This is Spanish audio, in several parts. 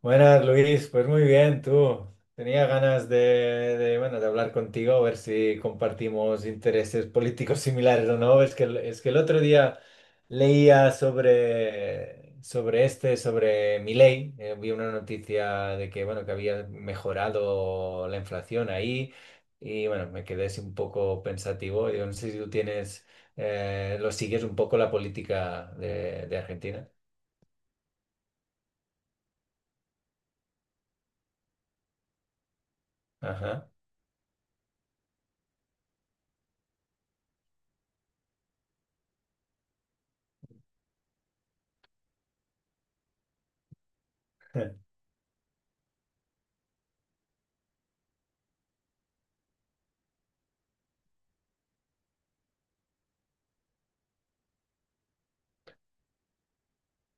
Buenas, Luis. Pues muy bien, tú. Tenía ganas de hablar contigo, a ver si compartimos intereses políticos similares o no. Es que, es que el otro día leía sobre Milei. Vi una noticia de que, bueno, que había mejorado la inflación ahí y, bueno, me quedé así un poco pensativo. Yo no sé si tú tienes, lo sigues un poco la política de Argentina. Ajá.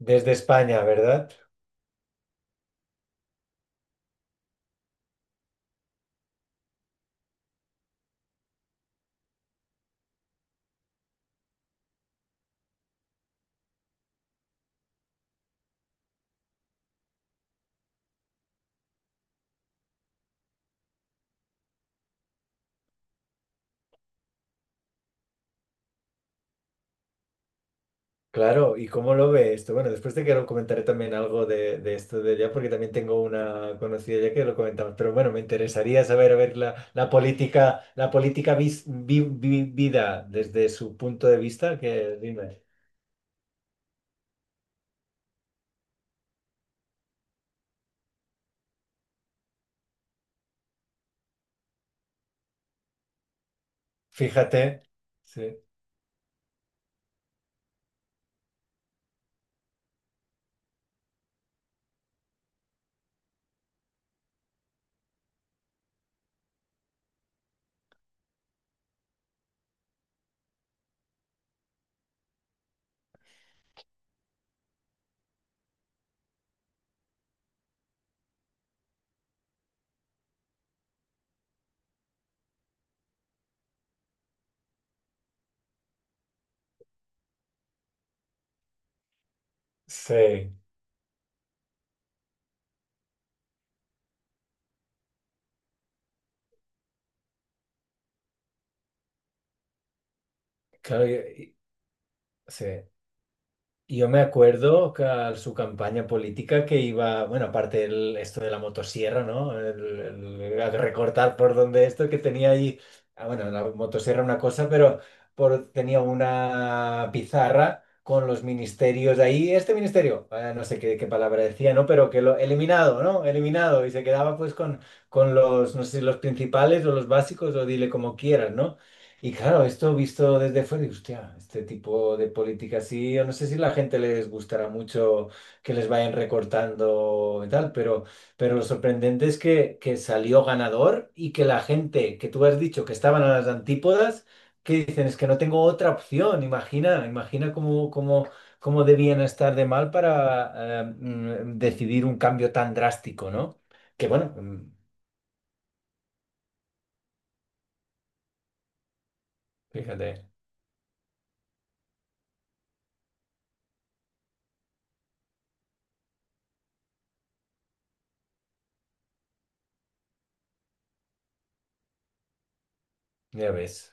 Desde España, ¿verdad? Claro, ¿y cómo lo ve esto? Bueno, después te quiero comentaré también algo de esto de allá, porque también tengo una conocida ya que lo comentamos, pero bueno, me interesaría saber, a ver, la política, la política vis- vi- vi- vida desde su punto de vista, que dime, fíjate, sí, sí, claro, sí. Yo me acuerdo que su campaña política que iba, bueno, aparte el, esto de la motosierra, ¿no? El recortar por donde esto que tenía ahí, ah, bueno, la motosierra una cosa, pero por, tenía una pizarra con los ministerios ahí, este ministerio, no sé qué, qué palabra decía, ¿no? Pero que lo eliminado, ¿no? Eliminado y se quedaba pues con los, no sé si los principales o los básicos o dile como quieras, ¿no? Y claro, esto visto desde fuera, digo, hostia, este tipo de política sí, yo no sé si la gente les gustará mucho que les vayan recortando y tal, pero lo sorprendente es que salió ganador y que la gente que tú has dicho que estaban a las antípodas, que dicen, es que no tengo otra opción, imagina, imagina cómo, cómo, cómo debían estar de mal para decidir un cambio tan drástico, ¿no? Que bueno, fíjate, ya ves,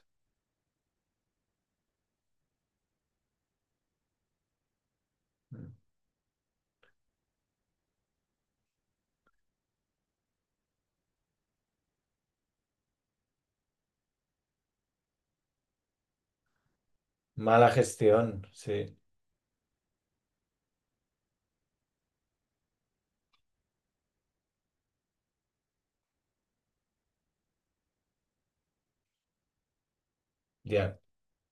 mala gestión, sí. Ya.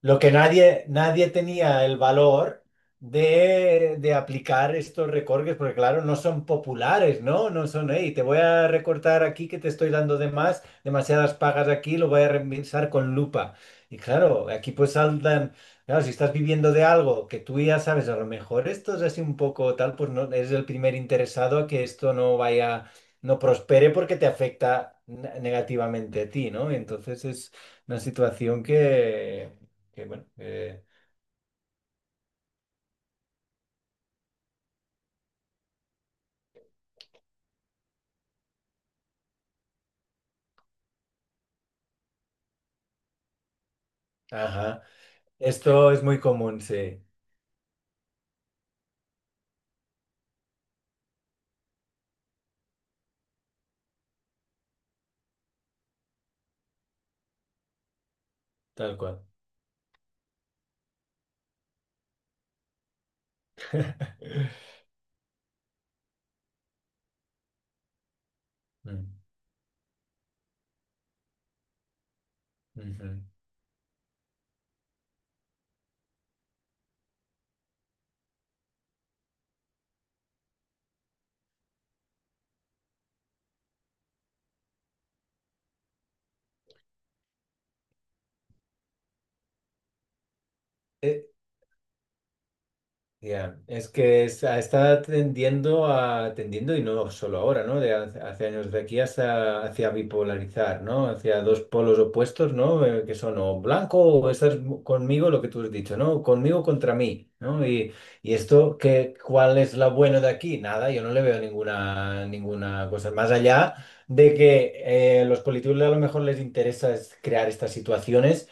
Lo que nadie, nadie tenía el valor de aplicar estos recortes, porque claro, no son populares, ¿no? No son, hey, te voy a recortar aquí que te estoy dando de más, demasiadas pagas aquí, lo voy a revisar con lupa. Y claro, aquí pues saltan, claro, si estás viviendo de algo que tú ya sabes, a lo mejor esto es así un poco tal, pues no, eres el primer interesado a que esto no vaya, no prospere porque te afecta negativamente a ti, ¿no? Entonces es una situación que bueno, ajá. Esto es muy común, sí, tal cual. Mm, ujú. E- Ya. Es que está, está tendiendo a, tendiendo, y no solo ahora, ¿no? De hace, hace años de aquí hasta hacia bipolarizar, ¿no? Hacia dos polos opuestos, ¿no? Que son o blanco o estás conmigo, lo que tú has dicho, ¿no? Conmigo contra mí, ¿no? Y esto, ¿qué, cuál es lo bueno de aquí? Nada, yo no le veo ninguna, ninguna cosa. Más allá de que los políticos a lo mejor les interesa es crear estas situaciones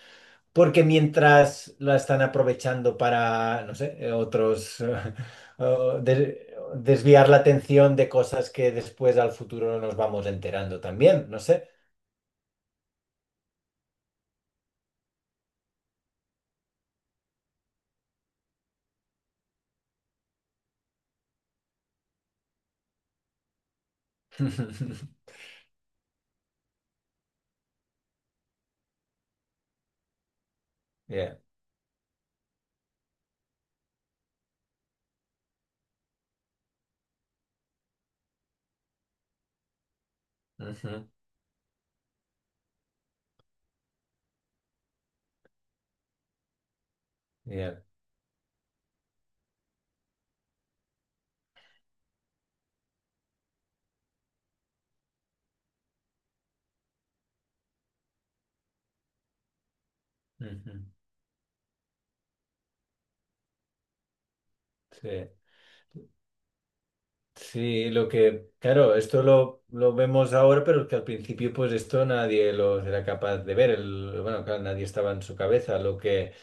porque mientras la están aprovechando para, no sé, otros, o desviar la atención de cosas que después al futuro no nos vamos enterando también, no sé. Yeah. Ujú. Yeah. Ujú. Sí. Sí, lo que, claro, esto lo vemos ahora, pero que al principio pues esto nadie lo era capaz de ver. Bueno, claro, nadie estaba en su cabeza.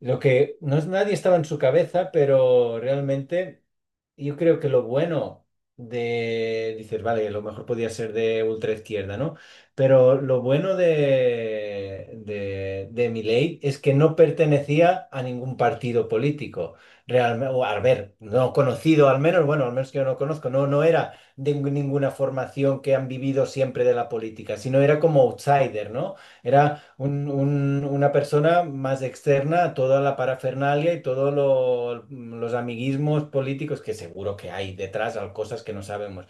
Lo que no es nadie estaba en su cabeza, pero realmente yo creo que lo bueno dices, vale, lo mejor podía ser de ultraizquierda, ¿no? Pero lo bueno de Milei es que no pertenecía a ningún partido político. Realmente, o al ver, no conocido al menos, bueno, al menos que yo no conozco, no, no era de ninguna formación que han vivido siempre de la política, sino era como outsider, ¿no? Era una persona más externa a toda la parafernalia y todos los amiguismos políticos que seguro que hay detrás, cosas que no sabemos,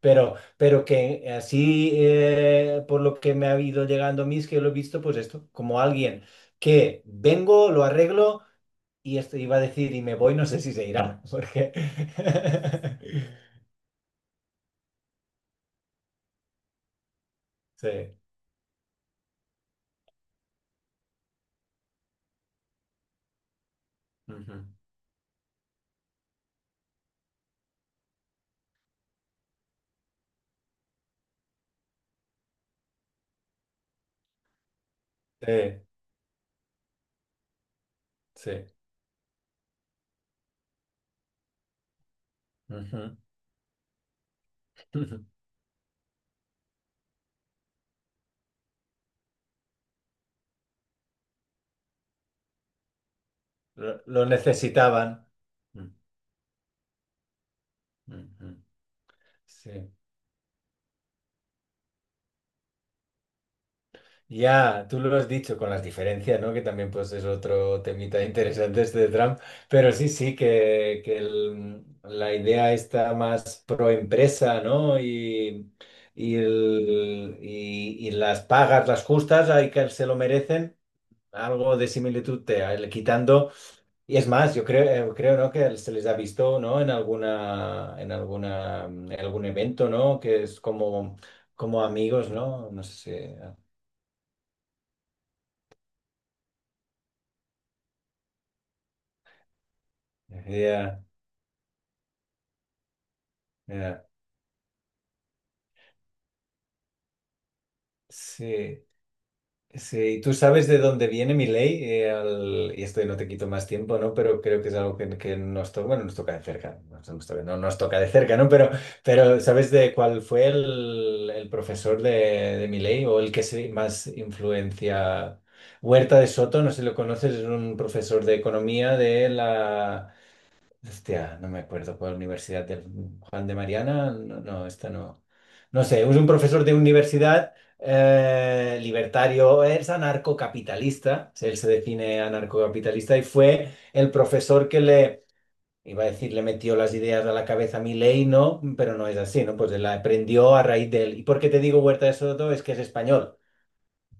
pero que así, por lo que me ha ido llegando a mí, es que lo he visto, pues esto, como alguien que vengo, lo arreglo. Y esto iba a decir, y me voy, no sé si se irá, porque... Sí, ujú, sí, sí. Ujú. Lo necesitaban. Mm, ujú, sí. Ya, tú lo has dicho con las diferencias, ¿no? Que también pues es otro temita interesante este de Trump, pero sí, sí, que la idea está más pro empresa, ¿no? Y, y las pagas, las justas, hay que se lo merecen. Algo de similitud quitando, y es más yo creo creo no que se les ha visto no en alguna en alguna en algún evento no que es como como amigos no no sé yeah, yeah, sí. Sí, tú sabes de dónde viene mi ley, y esto no te quito más tiempo, ¿no? Pero creo que es algo que nos toca, bueno, nos toca de cerca, no nos toca de cerca, ¿no? Pero ¿sabes de cuál fue el profesor de mi ley o el que se más influencia? Huerta de Soto, no sé si lo conoces, es un profesor de economía de la... Hostia, no me acuerdo cuál universidad del Juan de Mariana. No, no, esta no. No sé, es un profesor de universidad libertario, es anarcocapitalista, él se define anarcocapitalista y fue el profesor que le, iba a decir, le metió las ideas a la cabeza a Milei, ¿no? Pero no es así, ¿no? Pues él la aprendió a raíz de él. ¿Y por qué te digo Huerta de Soto? Es que es español.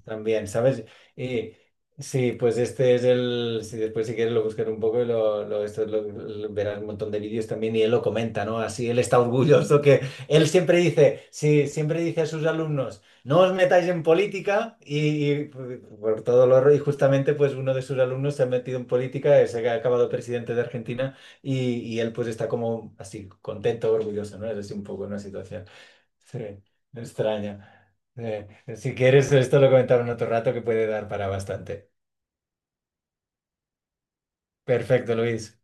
También, ¿sabes? Y sí, pues este es el. Si después, si quieres, lo buscar un poco y lo, esto verás un montón de vídeos también. Y él lo comenta, ¿no? Así él está orgulloso que él siempre dice, sí, siempre dice a sus alumnos, no os metáis en política. Y por todo lo. Y justamente, pues uno de sus alumnos se ha metido en política, se ha acabado presidente de Argentina. Y él, pues está como así, contento, orgulloso, ¿no? Es así un poco una situación. Sí, me extraña. Si quieres, esto lo comentamos en otro rato que puede dar para bastante. Perfecto, Luis.